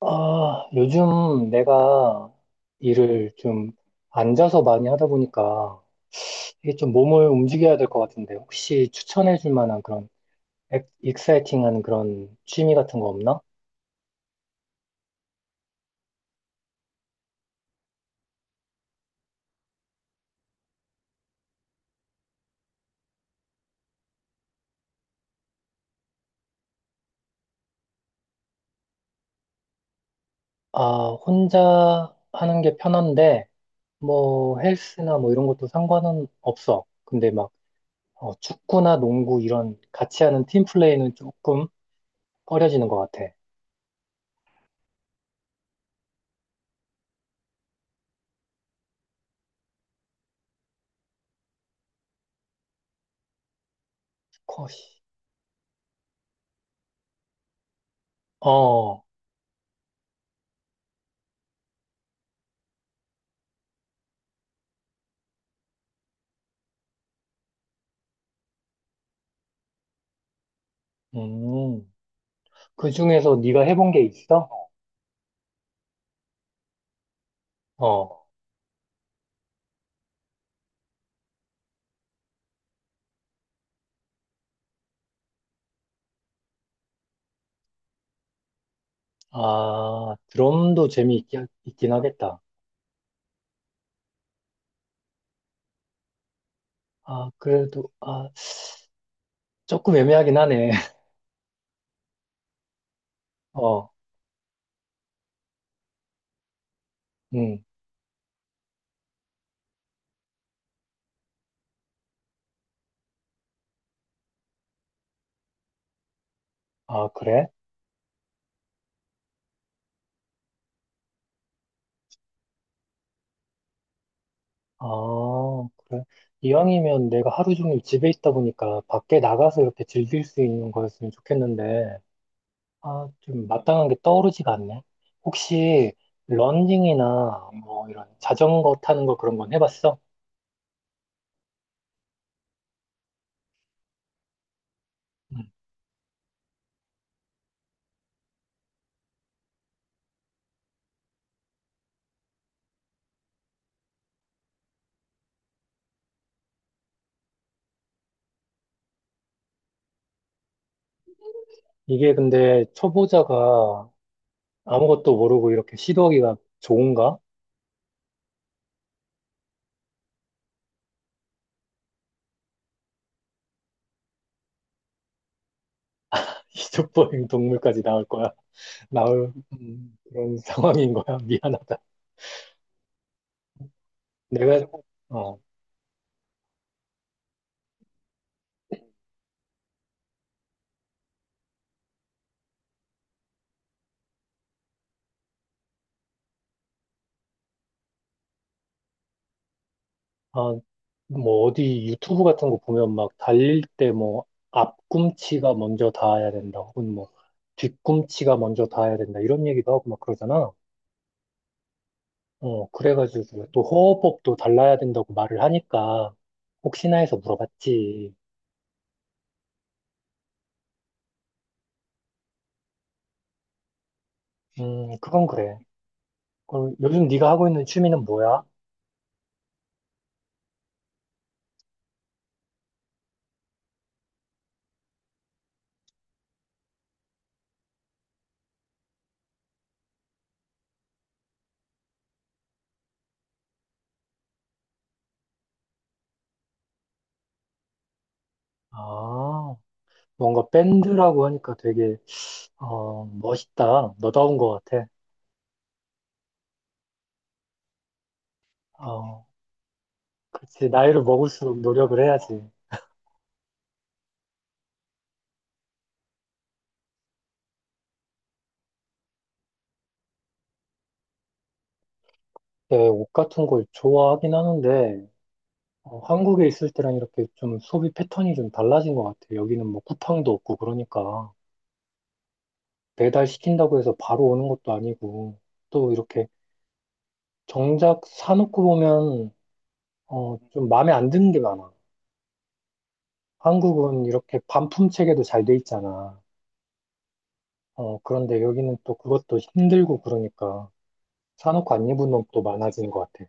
아, 요즘 내가 일을 좀 앉아서 많이 하다 보니까 이게 좀 몸을 움직여야 될 것 같은데 혹시 추천해 줄 만한 그런 익사이팅한 그런 취미 같은 거 없나? 아, 혼자 하는 게 편한데 뭐 헬스나 뭐 이런 것도 상관은 없어. 근데 막 축구나 농구 이런 같이 하는 팀 플레이는 조금 꺼려지는 것 같아. 컷이. 어, 음. 그 중에서 네가 해본 게 있어? 어. 아, 드럼도 재미있긴 있긴 하겠다. 아, 그래도, 아, 조금 애매하긴 하네. 어, 음. 아, 그래? 아, 그래. 이왕이면 내가 하루 종일 집에 있다 보니까 밖에 나가서 이렇게 즐길 수 있는 거였으면 좋겠는데, 아, 좀 마땅한 게 떠오르지가 않네. 혹시, 런닝이나 뭐 이런 자전거 타는 거 그런 건 해봤어? 음. 이게 근데 초보자가 아무것도 모르고 이렇게 시도하기가 좋은가? 이족보행 동물까지 나올 거야. 나올 그런 상황인 거야. 미안하다. 내가, 어, 아, 뭐 어디 유튜브 같은 거 보면 막 달릴 때 뭐 앞꿈치가 먼저 닿아야 된다. 혹은 뭐 뒤꿈치가 먼저 닿아야 된다. 이런 얘기도 하고 막 그러잖아. 어, 그래가지고 또 호흡법도 달라야 된다고 말을 하니까 혹시나 해서 물어봤지. 그건 그래. 그럼 요즘 네가 하고 있는 취미는 뭐야? 아, 뭔가 밴드라고 하니까 되게 어, 멋있다. 너다운 것 같아. 어, 그치. 나이를 먹을수록 노력을 해야지. 네, 옷 같은 걸 좋아하긴 하는데, 어, 한국에 있을 때랑 이렇게 좀 소비 패턴이 좀 달라진 것 같아. 여기는 뭐 쿠팡도 없고 그러니까. 배달 시킨다고 해서 바로 오는 것도 아니고, 또 이렇게 정작 사놓고 보면, 어, 좀 마음에 안 드는 게 많아. 한국은 이렇게 반품 체계도 잘 돼 있잖아. 어, 그런데 여기는 또 그것도 힘들고 그러니까. 사놓고 안 입은 옷도 많아진 것 같아.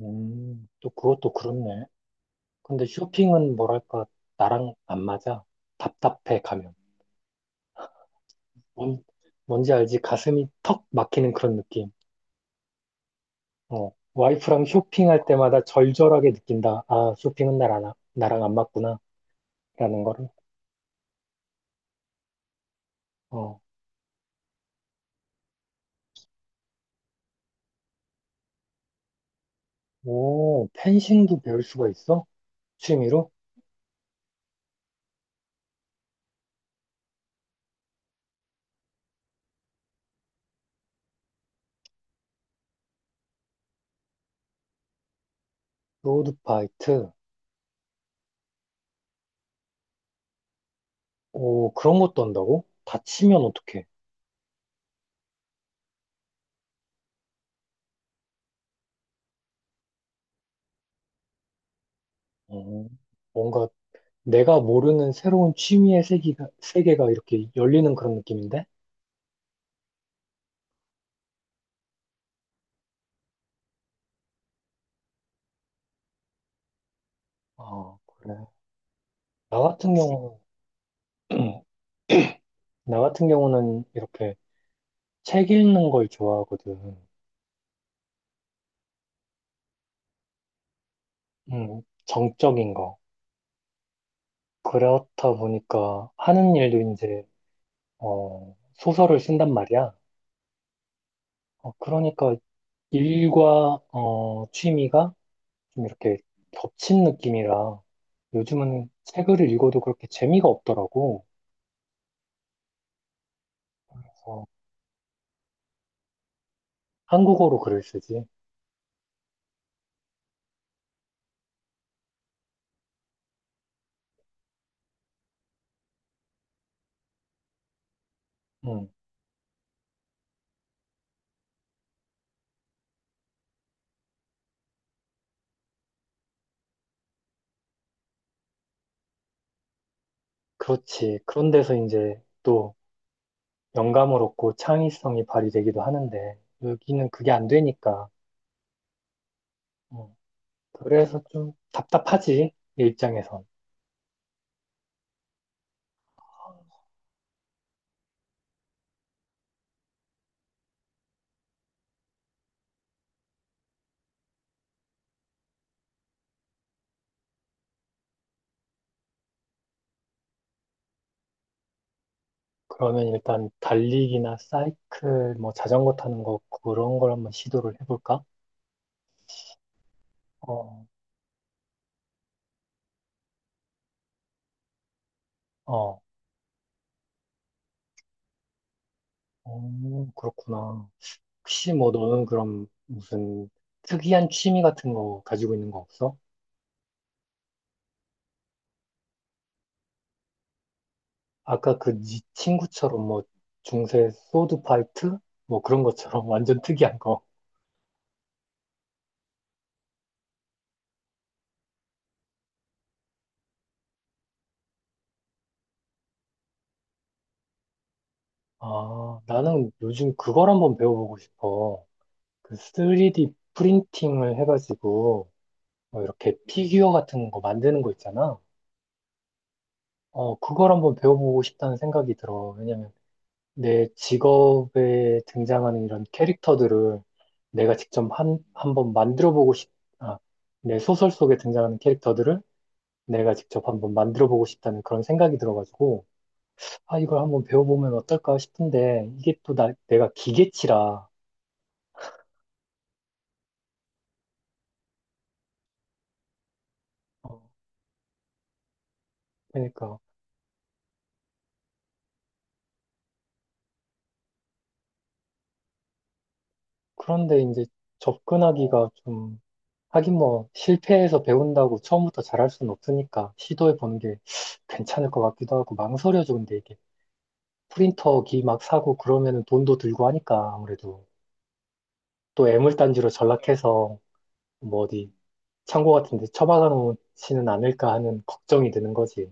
또 그것도 그렇네. 근데 쇼핑은 뭐랄까, 나랑 안 맞아. 답답해, 가면. 뭔, 뭔지 알지? 가슴이 턱 막히는 그런 느낌. 어, 와이프랑 쇼핑할 때마다 절절하게 느낀다. 아, 쇼핑은 나랑 안 맞구나. 라는 거를. 어, 오, 펜싱도 배울 수가 있어? 취미로? 로드파이트. 오, 그런 것도 한다고? 다치면 어떡해. 어, 뭔가 내가 모르는 새로운 취미의 세계가 이렇게 열리는 그런 느낌인데? 아, 그래. 나 같은 경우는, 나 같은 경우는 이렇게 책 읽는 걸 좋아하거든. 정적인 거. 그렇다 보니까 하는 일도 이제, 어, 소설을 쓴단 말이야. 어, 그러니까 일과, 어, 취미가 좀 이렇게 겹친 느낌이라 요즘은 책을 읽어도 그렇게 재미가 없더라고. 그래서 한국어로 글을 쓰지. 음, 그렇지. 그런 데서 이제 또 영감을 얻고 창의성이 발휘되기도 하는데 여기는 그게 안 되니까 어, 그래서 좀 답답하지 내 입장에선. 그러면 일단 달리기나 사이클 뭐 자전거 타는 거 그런 걸 한번 시도를 해볼까? 어, 어, 어, 그렇구나. 혹시 뭐 너는 그럼 무슨 특이한 취미 같은 거 가지고 있는 거 없어? 아까 그 네 친구처럼 뭐 중세 소드 파이트 뭐 그런 것처럼 완전 특이한 거. 아, 나는 요즘 그걸 한번 배워보고 싶어. 그 3D 프린팅을 해가지고, 뭐 이렇게 피규어 같은 거 만드는 거 있잖아. 어, 그걸 한번 배워보고 싶다는 생각이 들어. 왜냐면 내 직업에 등장하는 이런 캐릭터들을 내가 직접 한번 만들어보고 싶, 아, 내 소설 속에 등장하는 캐릭터들을 내가 직접 한번 만들어보고 싶다는 그런 생각이 들어가지고, 아, 이걸 한번 배워보면 어떨까 싶은데, 이게 또 내가 기계치라. 어, 그러니까. 그런데 이제 접근하기가 좀, 하긴 뭐, 실패해서 배운다고 처음부터 잘할 수는 없으니까, 시도해 보는 게 괜찮을 것 같기도 하고, 망설여져, 근데 이게. 프린터기 막 사고 그러면은 돈도 들고 하니까, 아무래도. 또 애물단지로 전락해서, 뭐 어디, 창고 같은 데 처박아 놓지는 않을까 하는 걱정이 드는 거지.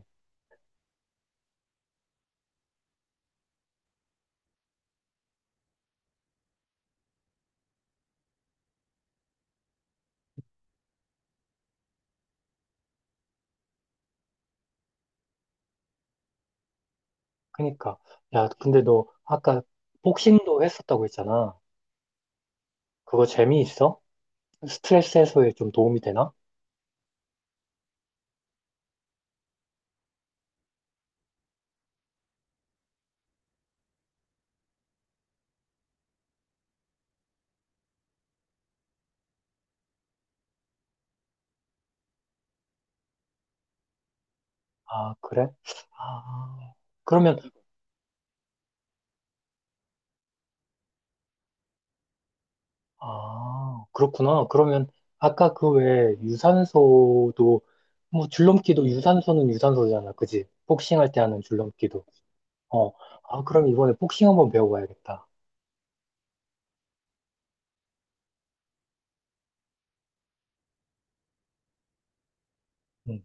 그니까. 러 야, 근데 너 아까 복싱도 했었다고 했잖아. 그거 재미있어? 스트레스 해소에 좀 도움이 되나? 아, 그래? 아, 그러면, 아, 그렇구나. 그러면, 아까 그 외에 유산소도, 뭐, 줄넘기도 유산소는 유산소잖아. 그지? 복싱 할 때 하는 줄넘기도. 어, 아, 그럼 이번에 복싱 한번 배워봐야겠다. 응.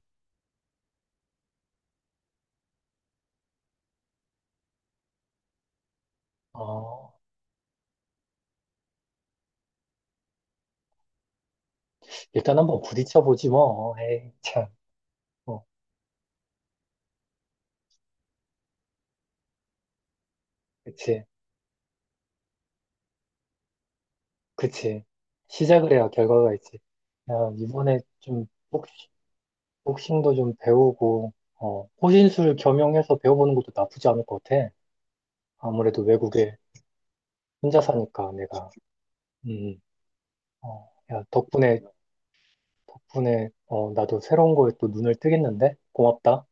어, 일단 한번 부딪혀보지 뭐. 에이, 참. 어, 그치. 그치. 시작을 해야 결과가 있지. 야, 이번에 좀, 복싱, 복싱도 좀 배우고, 어, 호신술 겸용해서 배워보는 것도 나쁘지 않을 것 같아. 아무래도 외국에 혼자 사니까 내가, 음, 어, 야, 덕분에, 덕분에, 어, 나도 새로운 거에 또 눈을 뜨겠는데? 고맙다.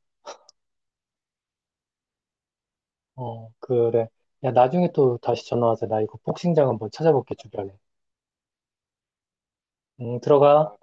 어, 그래. 야, 나중에 또 다시 전화하자. 나 이거 복싱장 한번 찾아볼게, 주변에. 들어가.